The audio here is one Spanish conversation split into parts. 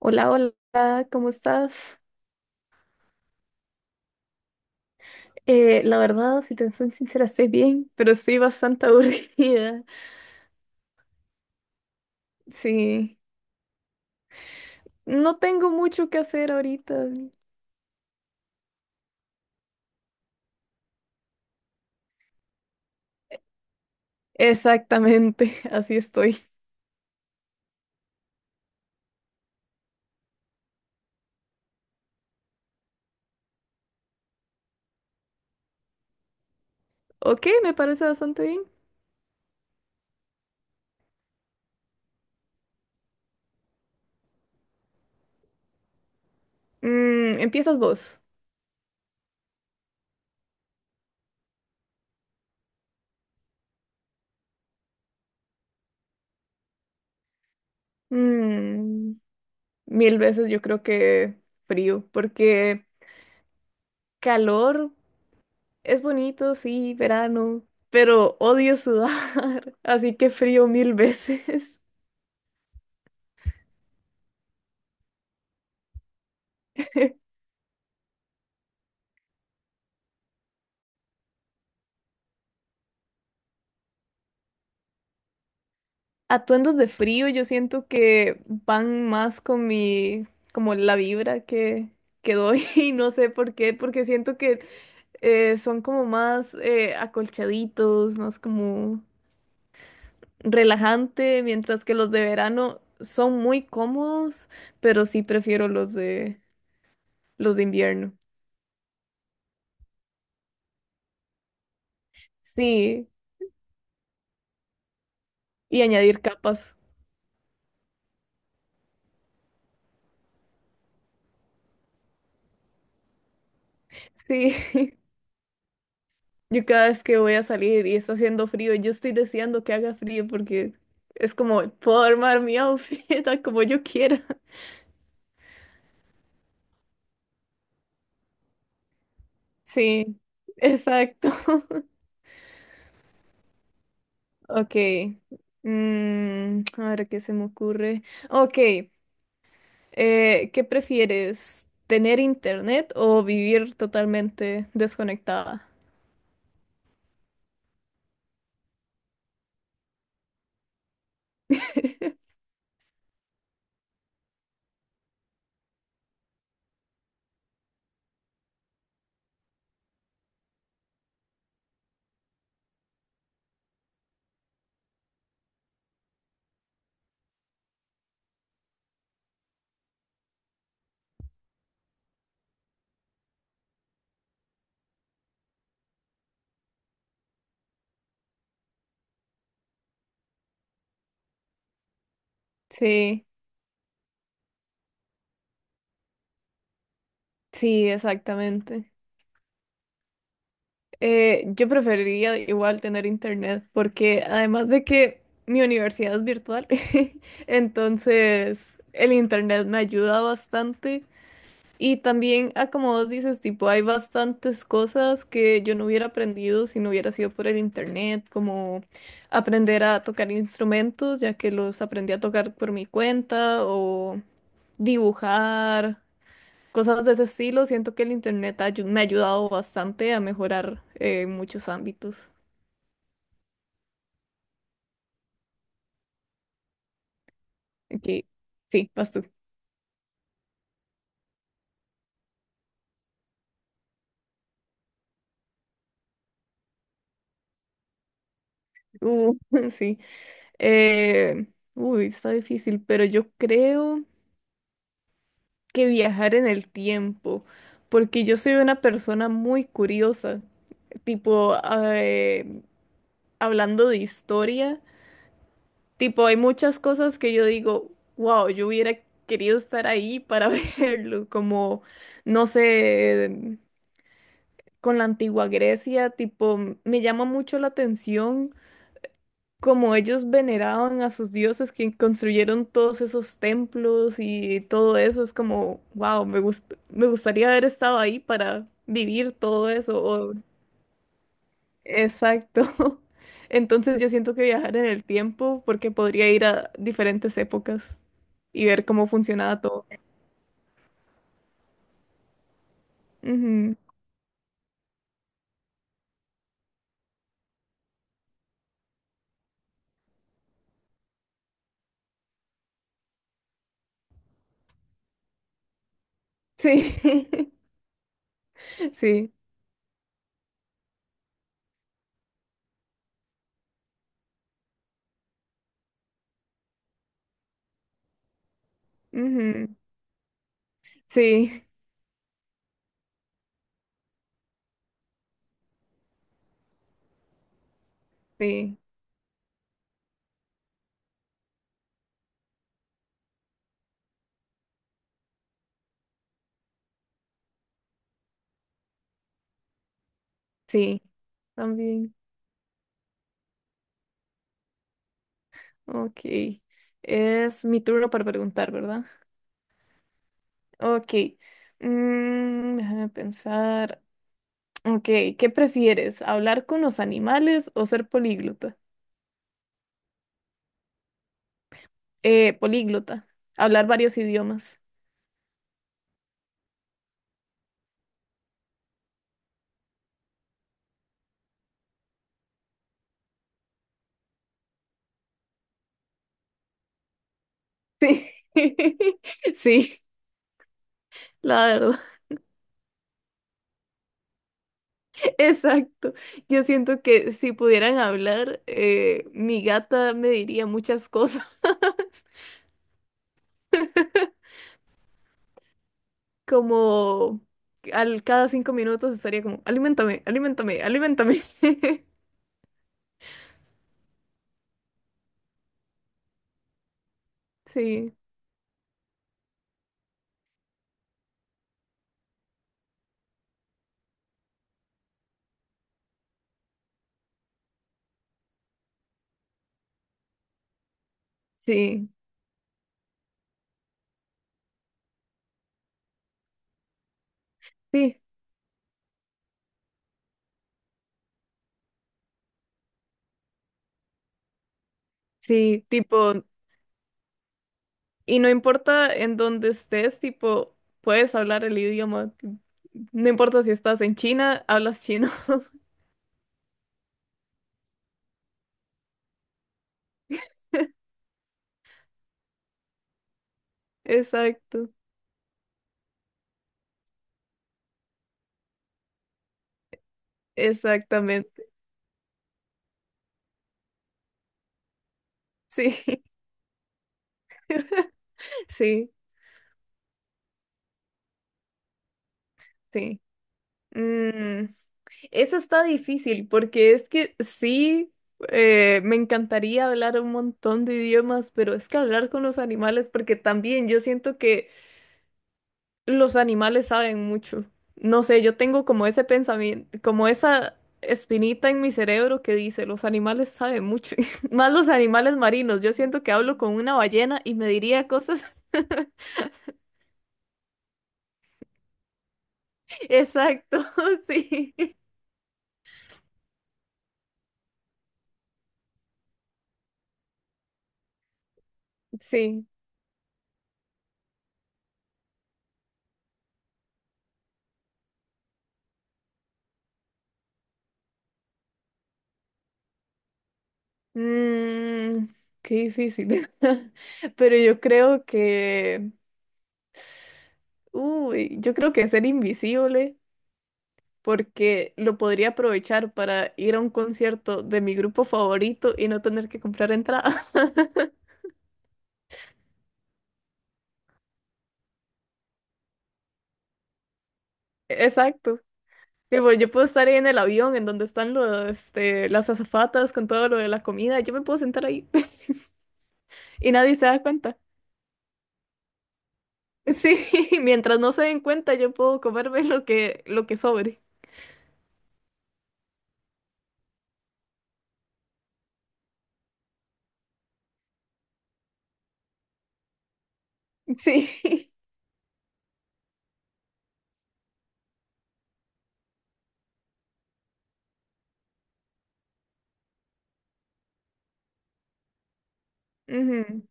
Hola, hola, ¿cómo estás? La verdad, si te soy sincera, estoy bien, pero estoy bastante aburrida. Sí, no tengo mucho que hacer ahorita. Exactamente, así estoy. Ok, me parece bastante bien. Empiezas vos. Mm, Mil veces yo creo que frío, porque calor es bonito, sí, verano, pero odio sudar, así que frío mil veces. Atuendos de frío, yo siento que van más con mi, como la vibra que doy y no sé por qué, porque siento que son como más acolchaditos, más como relajante, mientras que los de verano son muy cómodos, pero sí prefiero los de invierno. Sí, y añadir capas. Sí. Yo cada vez que voy a salir y está haciendo frío, yo estoy deseando que haga frío porque es como puedo armar mi outfit a como yo quiera. Sí, exacto. Ok. A ver qué se me ocurre. Ok. ¿Qué prefieres? ¿Tener internet o vivir totalmente desconectada? Sí, sí, exactamente. Yo preferiría igual tener internet porque además de que mi universidad es virtual, entonces el internet me ayuda bastante y también, ah, como vos dices, tipo, hay bastantes cosas que yo no hubiera aprendido si no hubiera sido por el internet, como aprender a tocar instrumentos, ya que los aprendí a tocar por mi cuenta o dibujar cosas de ese estilo. Siento que el internet me ha ayudado bastante a mejorar en muchos ámbitos. Aquí, sí, vas tú. Uh, sí. Eh, Uy, está difícil, pero yo creo que viajar en el tiempo, porque yo soy una persona muy curiosa. Tipo, eh, hablando de historia, tipo, hay muchas cosas que yo digo, wow, yo hubiera querido estar ahí para verlo, como, no sé, con la antigua Grecia, tipo, me llama mucho la atención cómo ellos veneraban a sus dioses que construyeron todos esos templos y todo eso. Es como, wow, me gustaría haber estado ahí para vivir todo eso. Exacto. Entonces yo siento que viajar en el tiempo porque podría ir a diferentes épocas y ver cómo funcionaba todo. Ujú. Sí, sí, ujú. Sí, sí, sí, también. Ok. Es mi turno para preguntar, ¿verdad? Ok. Déjame pensar. Ok, ¿qué prefieres? ¿Hablar con los animales o ser políglota? Políglota. Hablar varios idiomas. Sí. Sí, la verdad. Exacto. Yo siento que si pudieran hablar, mi gata me diría muchas cosas. Como al cada 5 minutos estaría como, alimentame, alimentame, alimentame. Sí, sí, sí, sí, tipo, y no importa en dónde estés, tipo, puedes hablar el idioma. No importa si estás en China, hablas chino. Exacto, exactamente. Sí, sí, sí. Mm, Eso está difícil porque es que sí, me encantaría hablar un montón de idiomas, pero es que hablar con los animales, porque también yo siento que los animales saben mucho. No sé, yo tengo como ese pensamiento, como esa espinita en mi cerebro que dice, los animales saben mucho, más los animales marinos. Yo siento que hablo con una ballena y me diría cosas. Exacto, sí. Sí. Mm, Qué difícil. Pero yo creo que, uy, yo creo que ser invisible, porque lo podría aprovechar para ir a un concierto de mi grupo favorito y no tener que comprar entrada. Exacto. Tipo, yo puedo estar ahí en el avión en donde están las azafatas con todo lo de la comida. Yo me puedo sentar ahí y nadie se da cuenta. Sí, mientras no se den cuenta, yo puedo comerme lo que sobre. Sí. Ujú.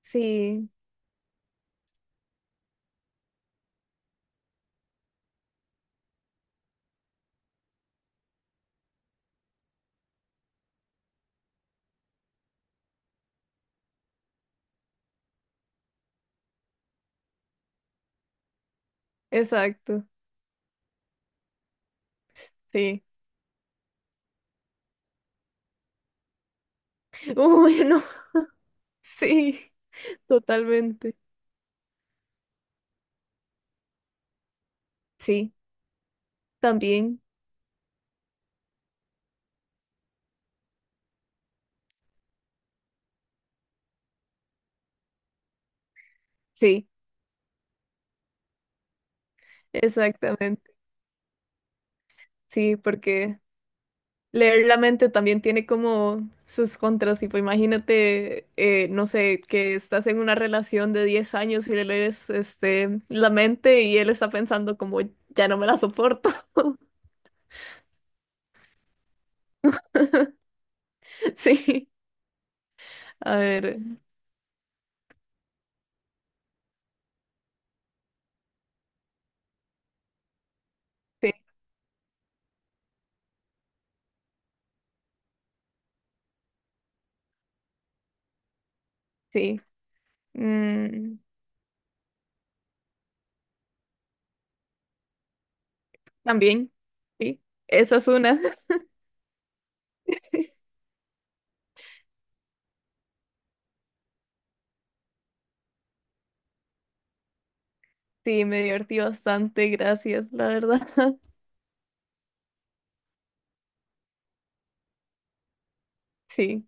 Sí, exacto. Sí. Uy, no. Sí, totalmente. Sí, también. Sí, exactamente. Sí, porque leer la mente también tiene como sus contras. Tipo, imagínate, no sé, que estás en una relación de 10 años y le lees la mente y él está pensando como, ya no me la soporto. Sí, a ver, sí, sí. Mm, También, sí. Esa es una. Sí, me divertí bastante, gracias, la verdad. Sí.